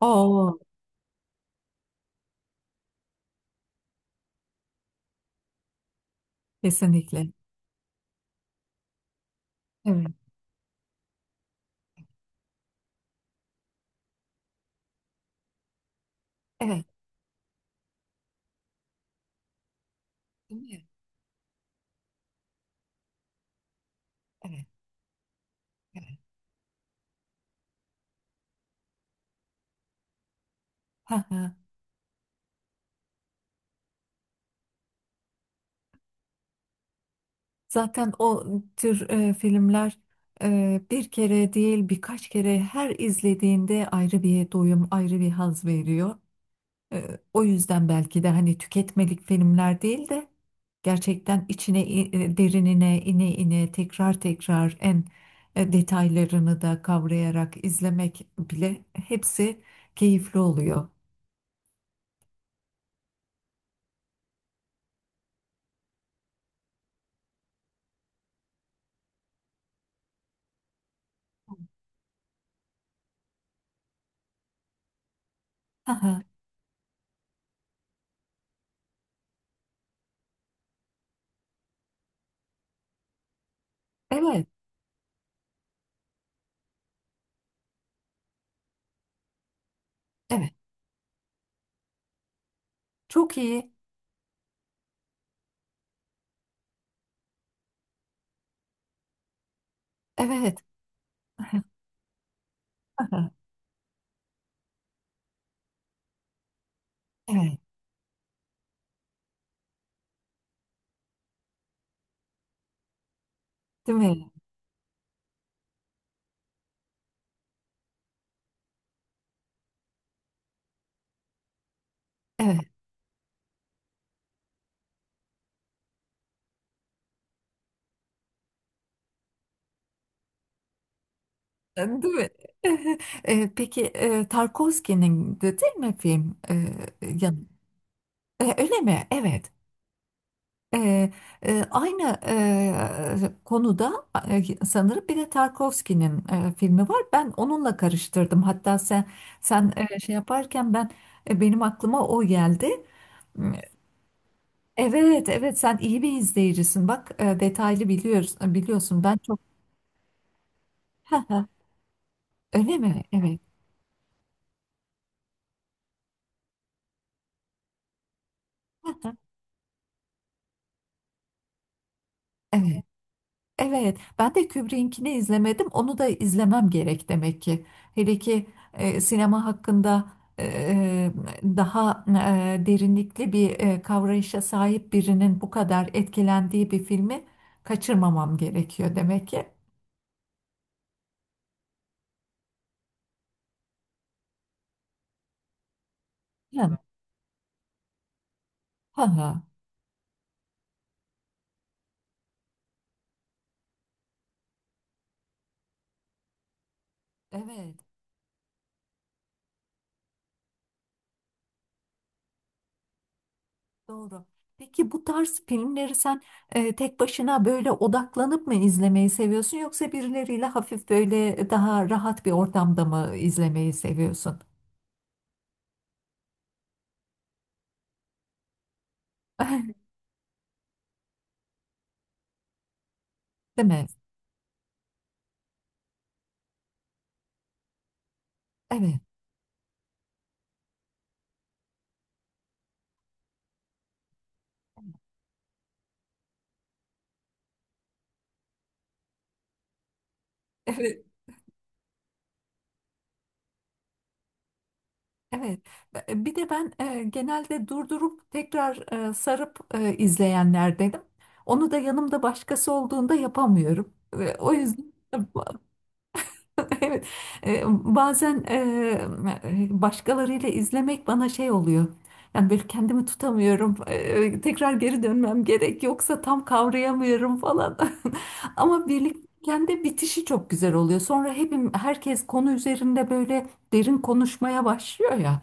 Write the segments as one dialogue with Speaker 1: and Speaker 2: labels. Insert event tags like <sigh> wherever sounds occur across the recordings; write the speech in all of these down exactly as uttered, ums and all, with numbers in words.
Speaker 1: Oo, kesinlikle. Evet, evet, değil mi? Evet, evet. Ha, ha. Zaten o tür e, filmler e, bir kere değil birkaç kere her izlediğinde ayrı bir doyum, ayrı bir haz veriyor. E, O yüzden belki de hani tüketmelik filmler değil de gerçekten içine i- e, derinine ine ine tekrar tekrar en e, detaylarını da kavrayarak izlemek bile hepsi keyifli oluyor. Aha, evet, evet. Çok iyi. Evet. Aha, evet. Değil mi? Evet. Değil mi? <laughs> E, peki e, Tarkovski'nin de değil mi film? E, yan- E, öyle mi? Evet. E, e, Aynı e, konuda e, sanırım bir de Tarkovski'nin e, filmi var. Ben onunla karıştırdım. Hatta sen sen e, şey yaparken ben e, benim aklıma o geldi. Evet, evet, sen iyi bir izleyicisin. Bak, e, detaylı biliyoruz, biliyorsun. Ben çok <laughs> öyle mi? Evet. <laughs> Evet. Evet, ben de Kubrick'inkini izlemedim. Onu da izlemem gerek demek ki. Hele ki e, sinema hakkında e, e, daha e, derinlikli bir e, kavrayışa sahip birinin bu kadar etkilendiği bir filmi kaçırmamam gerekiyor demek ki. Hı. Ha, ha. Evet, doğru. Peki bu tarz filmleri sen e, tek başına böyle odaklanıp mı izlemeyi seviyorsun yoksa birileriyle hafif böyle daha rahat bir ortamda mı izlemeyi seviyorsun? <laughs> Değil mi? Evet, evet, evet. Bir de ben e, genelde durdurup tekrar e, sarıp e, izleyenlerdenim. Onu da yanımda başkası olduğunda yapamıyorum. Ve o yüzden <laughs> <laughs> Evet, e, bazen e, başkalarıyla izlemek bana şey oluyor. Yani böyle kendimi tutamıyorum. E, tekrar geri dönmem gerek yoksa tam kavrayamıyorum falan. <laughs> Ama birlikteyken de bitişi çok güzel oluyor. Sonra hepim herkes konu üzerinde böyle derin konuşmaya başlıyor ya.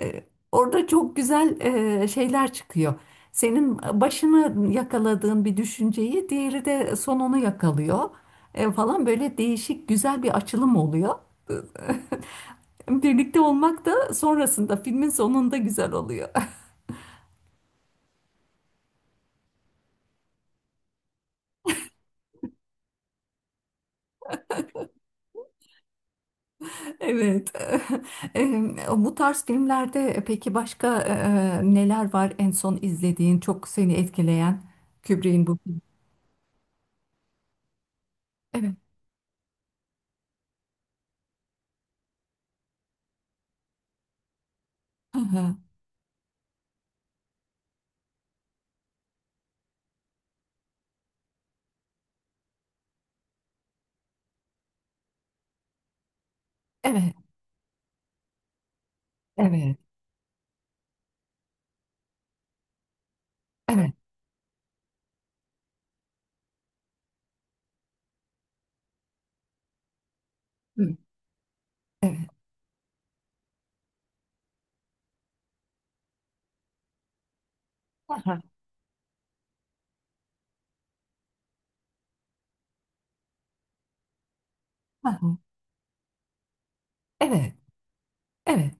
Speaker 1: E, Orada çok güzel e, şeyler çıkıyor. Senin başını yakaladığın bir düşünceyi diğeri de sonunu yakalıyor e, falan, böyle değişik güzel bir açılım oluyor. <laughs> Birlikte olmak da sonrasında filmin sonunda güzel oluyor. <laughs> Evet. <laughs> Em, Bu tarz filmlerde peki başka e, neler var en son izlediğin, çok seni etkileyen Kubrick'in bu film? Evet. <laughs> Hı hı. Evet. Evet. Evet. Hı. Evet. Hı hı. Hı hı. Evet. Evet.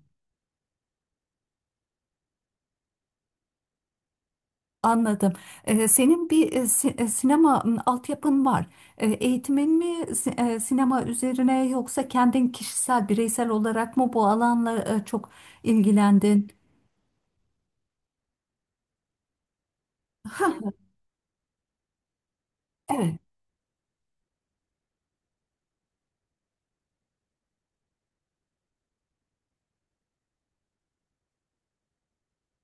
Speaker 1: Anladım. Ee, senin bir e, si- e, sinema m, altyapın var. Ee, eğitimin mi si- e, sinema üzerine yoksa kendin kişisel, bireysel olarak mı bu alanla e, çok ilgilendin? Ha, evet,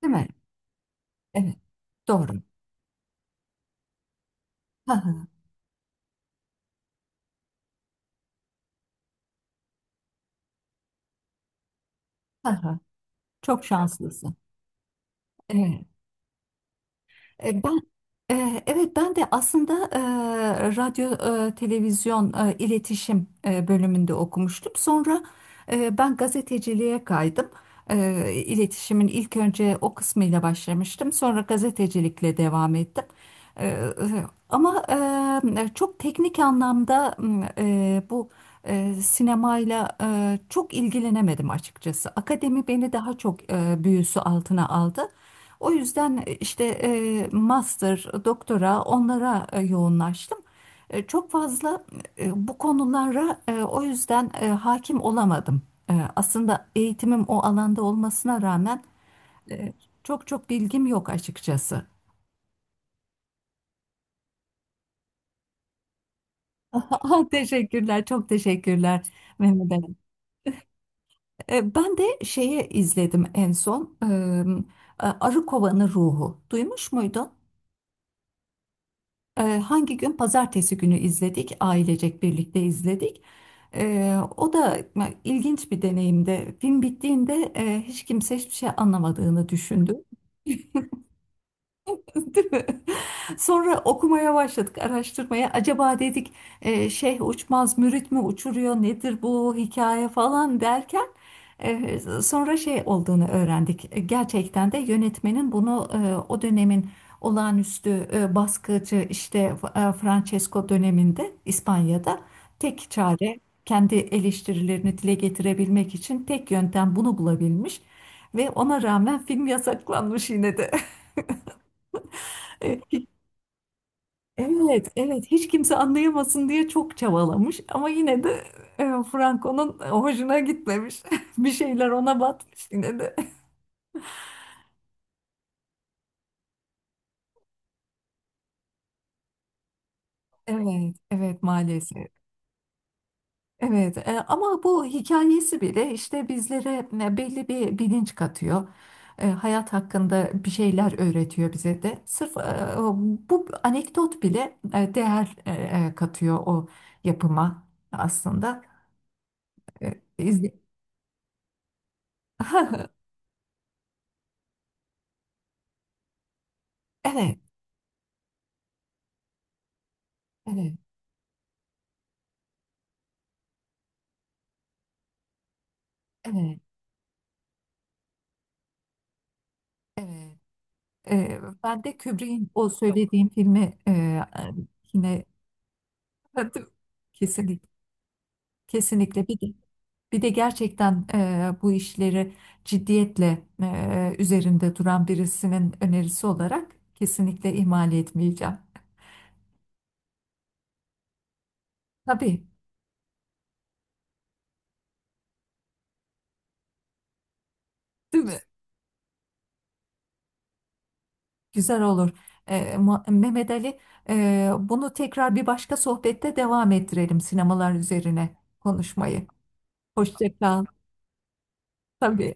Speaker 1: değil mi? Evet, doğru. Ha, ha, ha, ha. Çok şanslısın. Evet. E, Ben Eee, Evet, ben de aslında eee, radyo, eee, televizyon, eee, iletişim eee, bölümünde okumuştum. Sonra eee, ben gazeteciliğe kaydım. Eee, iletişimin ilk önce o kısmıyla başlamıştım. Sonra gazetecilikle devam ettim. Eee, Ama eee, çok teknik anlamda m, eee, bu eee, sinemayla eee, çok ilgilenemedim açıkçası. Akademi beni daha çok eee, büyüsü altına aldı. O yüzden e, işte e, master, doktora onlara e, yoğunlaştım. E, Çok fazla e, bu konulara e, o yüzden e, hakim olamadım. E, Aslında eğitimim o alanda olmasına rağmen e, çok çok bilgim yok açıkçası. <laughs> Teşekkürler, çok teşekkürler Mehmet Ali. E, Ben de şeye izledim en son. e, Arı Kovanı Ruhu. Duymuş muydun? Ee, hangi gün? Pazartesi günü izledik. Ailecek birlikte izledik. Ee, o da ilginç bir deneyimdi. Film bittiğinde e, hiç kimse hiçbir şey anlamadığını düşündü. <laughs> Değil mi? Sonra okumaya başladık, araştırmaya. Acaba dedik, e, şeyh uçmaz, mürit mi uçuruyor, nedir bu hikaye falan derken e, sonra şey olduğunu öğrendik. E, Gerçekten de yönetmenin bunu e, o dönemin olağanüstü e, baskıcı işte e, Francesco döneminde İspanya'da tek çare kendi eleştirilerini dile getirebilmek için tek yöntem bunu bulabilmiş ve ona rağmen film yasaklanmış yine de. <laughs> Evet, evet. Hiç kimse anlayamasın diye çok çabalamış ama yine de e, Franco'nun hoşuna gitmemiş. <laughs> Bir şeyler ona batmış yine de. Evet, evet, maalesef. Evet, e, ama bu hikayesi bile işte bizlere e, belli bir bilinç katıyor. E, hayat hakkında bir şeyler öğretiyor bize de. Sırf e, bu anekdot bile e, değer e, e, katıyor o yapıma aslında. E, izle- <laughs> Evet, evet, evet, evet. Ee, ben de Kubrick'in o söylediğim filmi e, yine kesinlikle kesinlikle bir de, bir de gerçekten e, bu işleri ciddiyetle e, üzerinde duran birisinin önerisi olarak kesinlikle ihmal etmeyeceğim. Tabii, değil mi? Güzel olur. E, Mu- Mehmet Ali, e, bunu tekrar bir başka sohbette devam ettirelim sinemalar üzerine konuşmayı. Hoşça kal. Tabii.